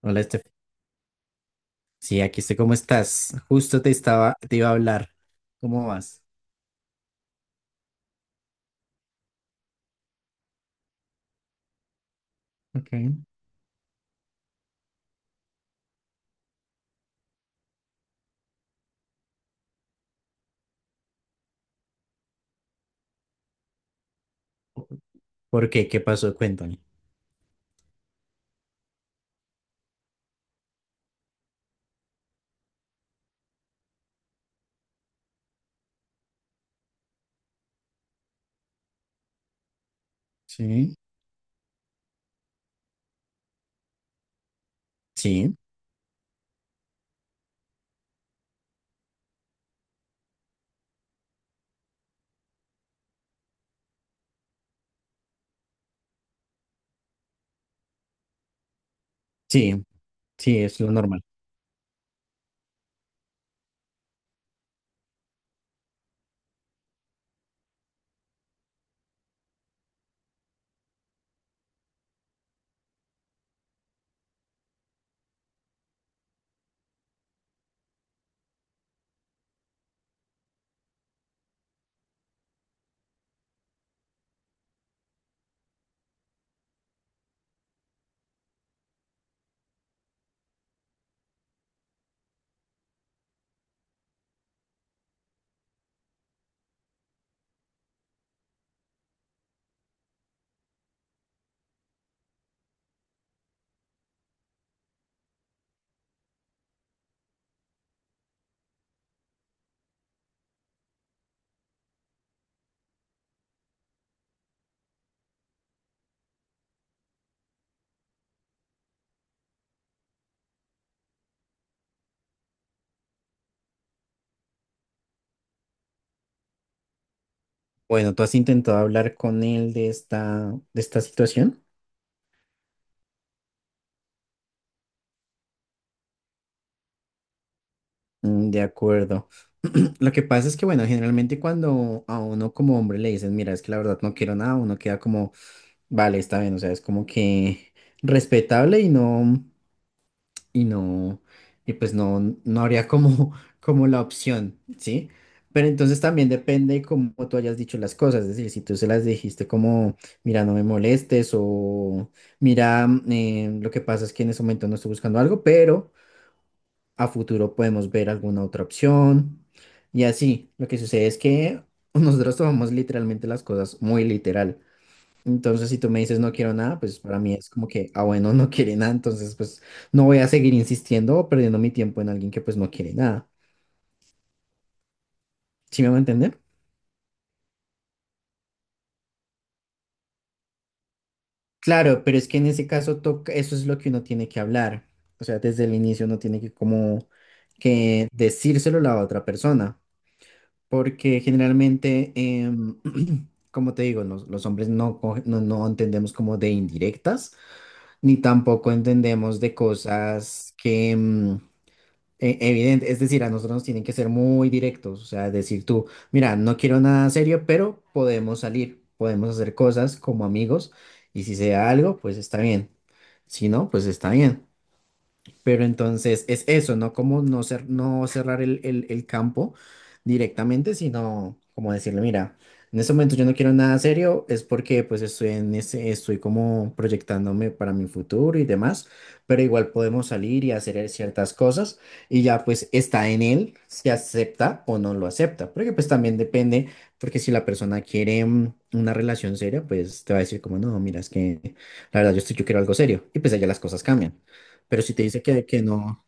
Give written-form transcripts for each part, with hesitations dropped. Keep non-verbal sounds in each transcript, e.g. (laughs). Hola, Estef. Sí, aquí estoy. ¿Cómo estás? Justo te iba a hablar. ¿Cómo vas? Okay. ¿Por qué? ¿Qué pasó? Cuéntame. Sí. Sí, sí, sí, es lo normal. Bueno, ¿tú has intentado hablar con él de esta situación? De acuerdo. (laughs) (clears throat) Lo que pasa es que, bueno, generalmente cuando a uno como hombre le dicen, mira, es que la verdad no quiero nada, uno queda como, vale, está bien, o sea, es como que respetable y no, y pues no, no habría como, (laughs) como la opción, ¿sí? Pero entonces también depende cómo tú hayas dicho las cosas, es decir, si tú se las dijiste como, mira, no me molestes o mira, lo que pasa es que en ese momento no estoy buscando algo, pero a futuro podemos ver alguna otra opción. Y así, lo que sucede es que (laughs) nosotros tomamos literalmente las cosas muy literal. Entonces, si tú me dices no quiero nada, pues para mí es como que, ah, bueno, no quiere nada, entonces pues no voy a seguir insistiendo o perdiendo mi tiempo en alguien que pues no quiere nada. ¿Sí me va a entender? Claro, pero es que en ese caso toca, eso es lo que uno tiene que hablar. O sea, desde el inicio uno tiene que como que decírselo a la otra persona, porque generalmente, (clears throat) como te digo, los hombres no, no entendemos como de indirectas, ni tampoco entendemos de cosas que... evidente, es decir, a nosotros nos tienen que ser muy directos, o sea, decir tú, mira, no quiero nada serio, pero podemos salir, podemos hacer cosas como amigos, y si sea algo, pues está bien, si no, pues está bien. Pero entonces es eso, ¿no? Como no, no cerrar el campo directamente, sino como decirle, mira, en este momento yo no quiero nada serio, es porque pues estoy en estoy como proyectándome para mi futuro y demás, pero igual podemos salir y hacer ciertas cosas y ya pues está en él si acepta o no lo acepta, porque pues también depende, porque si la persona quiere una relación seria, pues te va a decir como, no, mira, es que la yo quiero algo serio y pues allá las cosas cambian. Pero si te dice que no,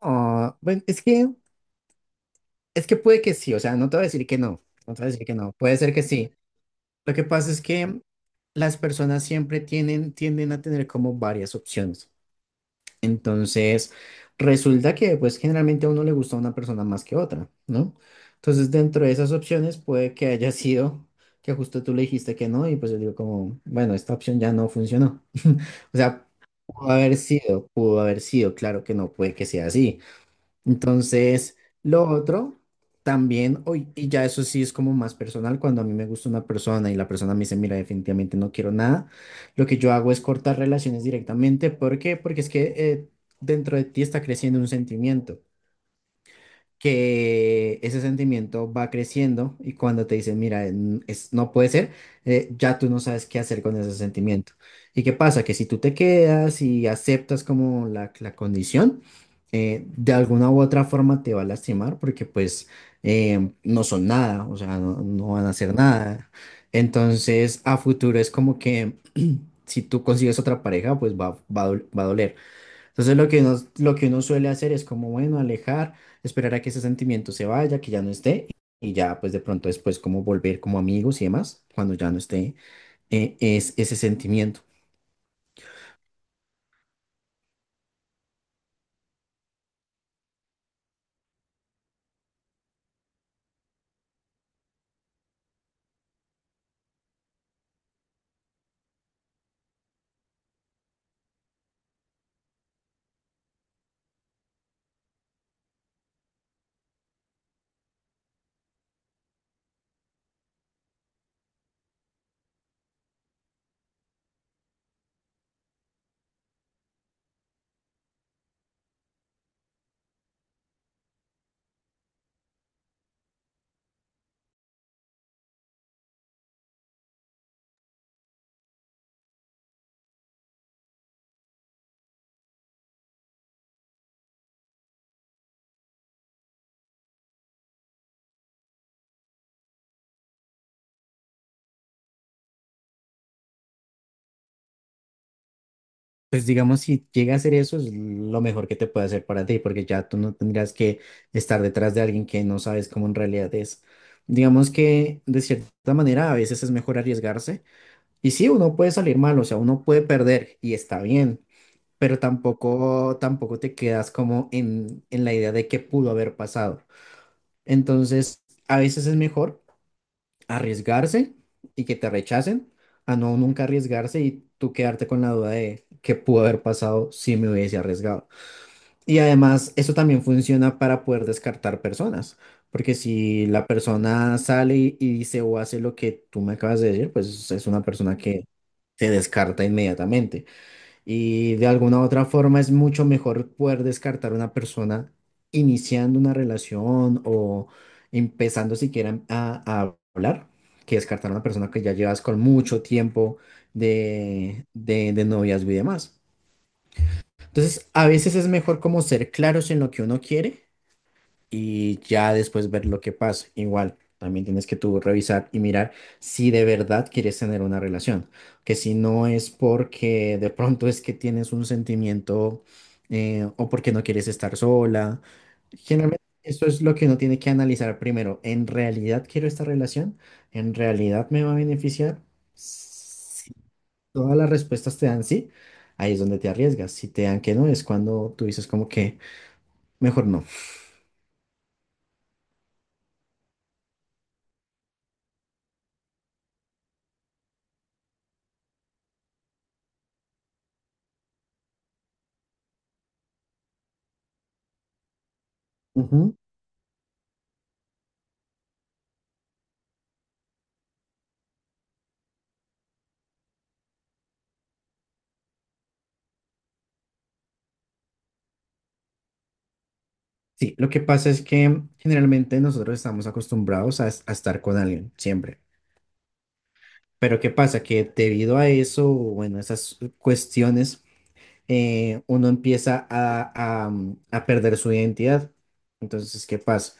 ah, bueno, es que puede que sí, o sea, no te voy a decir que no, no te voy a decir que no, puede ser que sí. Lo que pasa es que las personas siempre tienden a tener como varias opciones. Entonces, resulta que pues generalmente a uno le gusta una persona más que otra, ¿no? Entonces, dentro de esas opciones puede que haya (laughs) sido que justo tú le dijiste que no y pues yo digo como, bueno, esta opción ya no funcionó. (laughs) O sea, pudo haber sido, claro que no puede que sea así. Entonces, lo otro también, hoy, y ya eso sí es como más personal, cuando a mí me gusta una persona y la persona me dice, mira, definitivamente no quiero nada, lo que yo hago es cortar relaciones directamente. ¿Por qué? Porque es que dentro de ti está creciendo un sentimiento que ese sentimiento va creciendo y cuando te dicen, mira, no puede ser, ya tú no sabes qué hacer con ese sentimiento. ¿Y qué pasa? Que si tú te quedas y aceptas como la condición, de alguna u otra forma te va a lastimar porque pues no son nada, o sea, no, no van a hacer nada. Entonces, a futuro es como que si tú consigues otra pareja, pues va a doler. Entonces lo que uno suele hacer es como, bueno, alejar, esperar a que ese sentimiento se vaya, que ya no esté, y ya pues de pronto después como volver como amigos y demás, cuando ya no esté es ese sentimiento. Pues digamos, si llega a ser eso, es lo mejor que te puede hacer para ti, porque ya tú no tendrías que estar detrás de alguien que no sabes cómo en realidad es. Digamos que de cierta manera a veces es mejor arriesgarse. Y sí, uno puede salir mal, o sea, uno puede perder y está bien. Pero tampoco, tampoco te quedas como en la idea de qué pudo haber pasado. Entonces, a veces es mejor arriesgarse y que te rechacen, a no nunca arriesgarse y tú quedarte con la duda de qué pudo haber pasado si me hubiese arriesgado. Y además, eso también funciona para poder descartar personas. Porque si la persona sale y dice o hace lo que tú me acabas de decir, pues es una persona que se descarta inmediatamente. Y de alguna u otra forma es mucho mejor poder descartar a una persona iniciando una relación o empezando siquiera a hablar, que descartar a una persona que ya llevas con mucho tiempo de noviazgo y demás. Entonces, a veces es mejor como ser claros en lo que uno quiere y ya después ver lo que pasa. Igual, también tienes que tú revisar y mirar si de verdad quieres tener una relación, que si no es porque de pronto es que tienes un sentimiento o porque no quieres estar sola. Generalmente esto es lo que uno tiene que analizar primero. ¿En realidad quiero esta relación? ¿En realidad me va a beneficiar? Si todas las respuestas te dan sí, ahí es donde te arriesgas. Si te dan que no, es cuando tú dices como que mejor no. Ujú. Sí, lo que pasa es que generalmente nosotros estamos acostumbrados a estar con alguien, siempre. Pero ¿qué pasa? Que debido a eso, bueno, esas cuestiones, uno empieza a perder su identidad. Entonces, ¿qué pasa?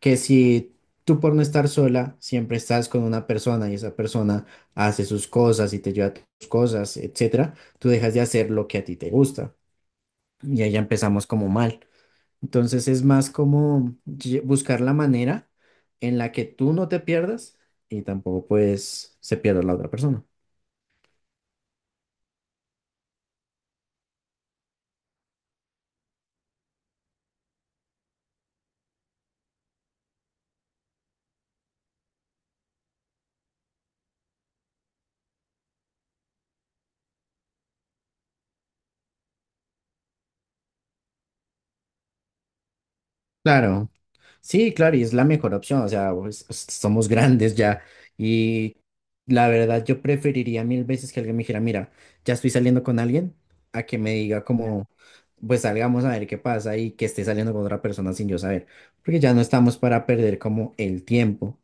Que si tú por no estar sola, siempre estás con una persona y esa persona hace sus cosas y te lleva tus cosas, etcétera, tú dejas de hacer lo que a ti te gusta. Y ahí ya empezamos como mal. Entonces es más como buscar la manera en la que tú no te pierdas y tampoco pues se pierda la otra persona. Claro, sí, claro, y es la mejor opción, o sea, pues, somos grandes ya y la verdad yo preferiría 1000 veces que alguien me dijera, mira, ya estoy saliendo con alguien, a que me diga como, pues salgamos a ver qué pasa y que esté saliendo con otra persona sin yo saber, porque ya no estamos para perder como el tiempo.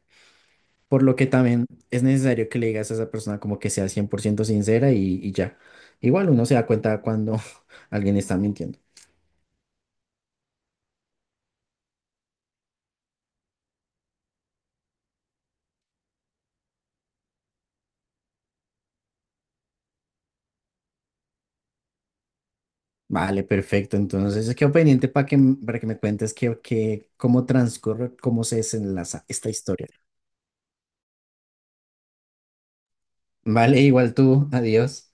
Por lo que también es necesario que le digas a esa persona como que sea 100% sincera y ya. Igual uno se da cuenta cuando (laughs) alguien está mintiendo. Vale, perfecto. Entonces, quedo pendiente para para que me cuentes cómo transcurre, cómo se desenlaza esta historia. Vale, igual tú. Adiós.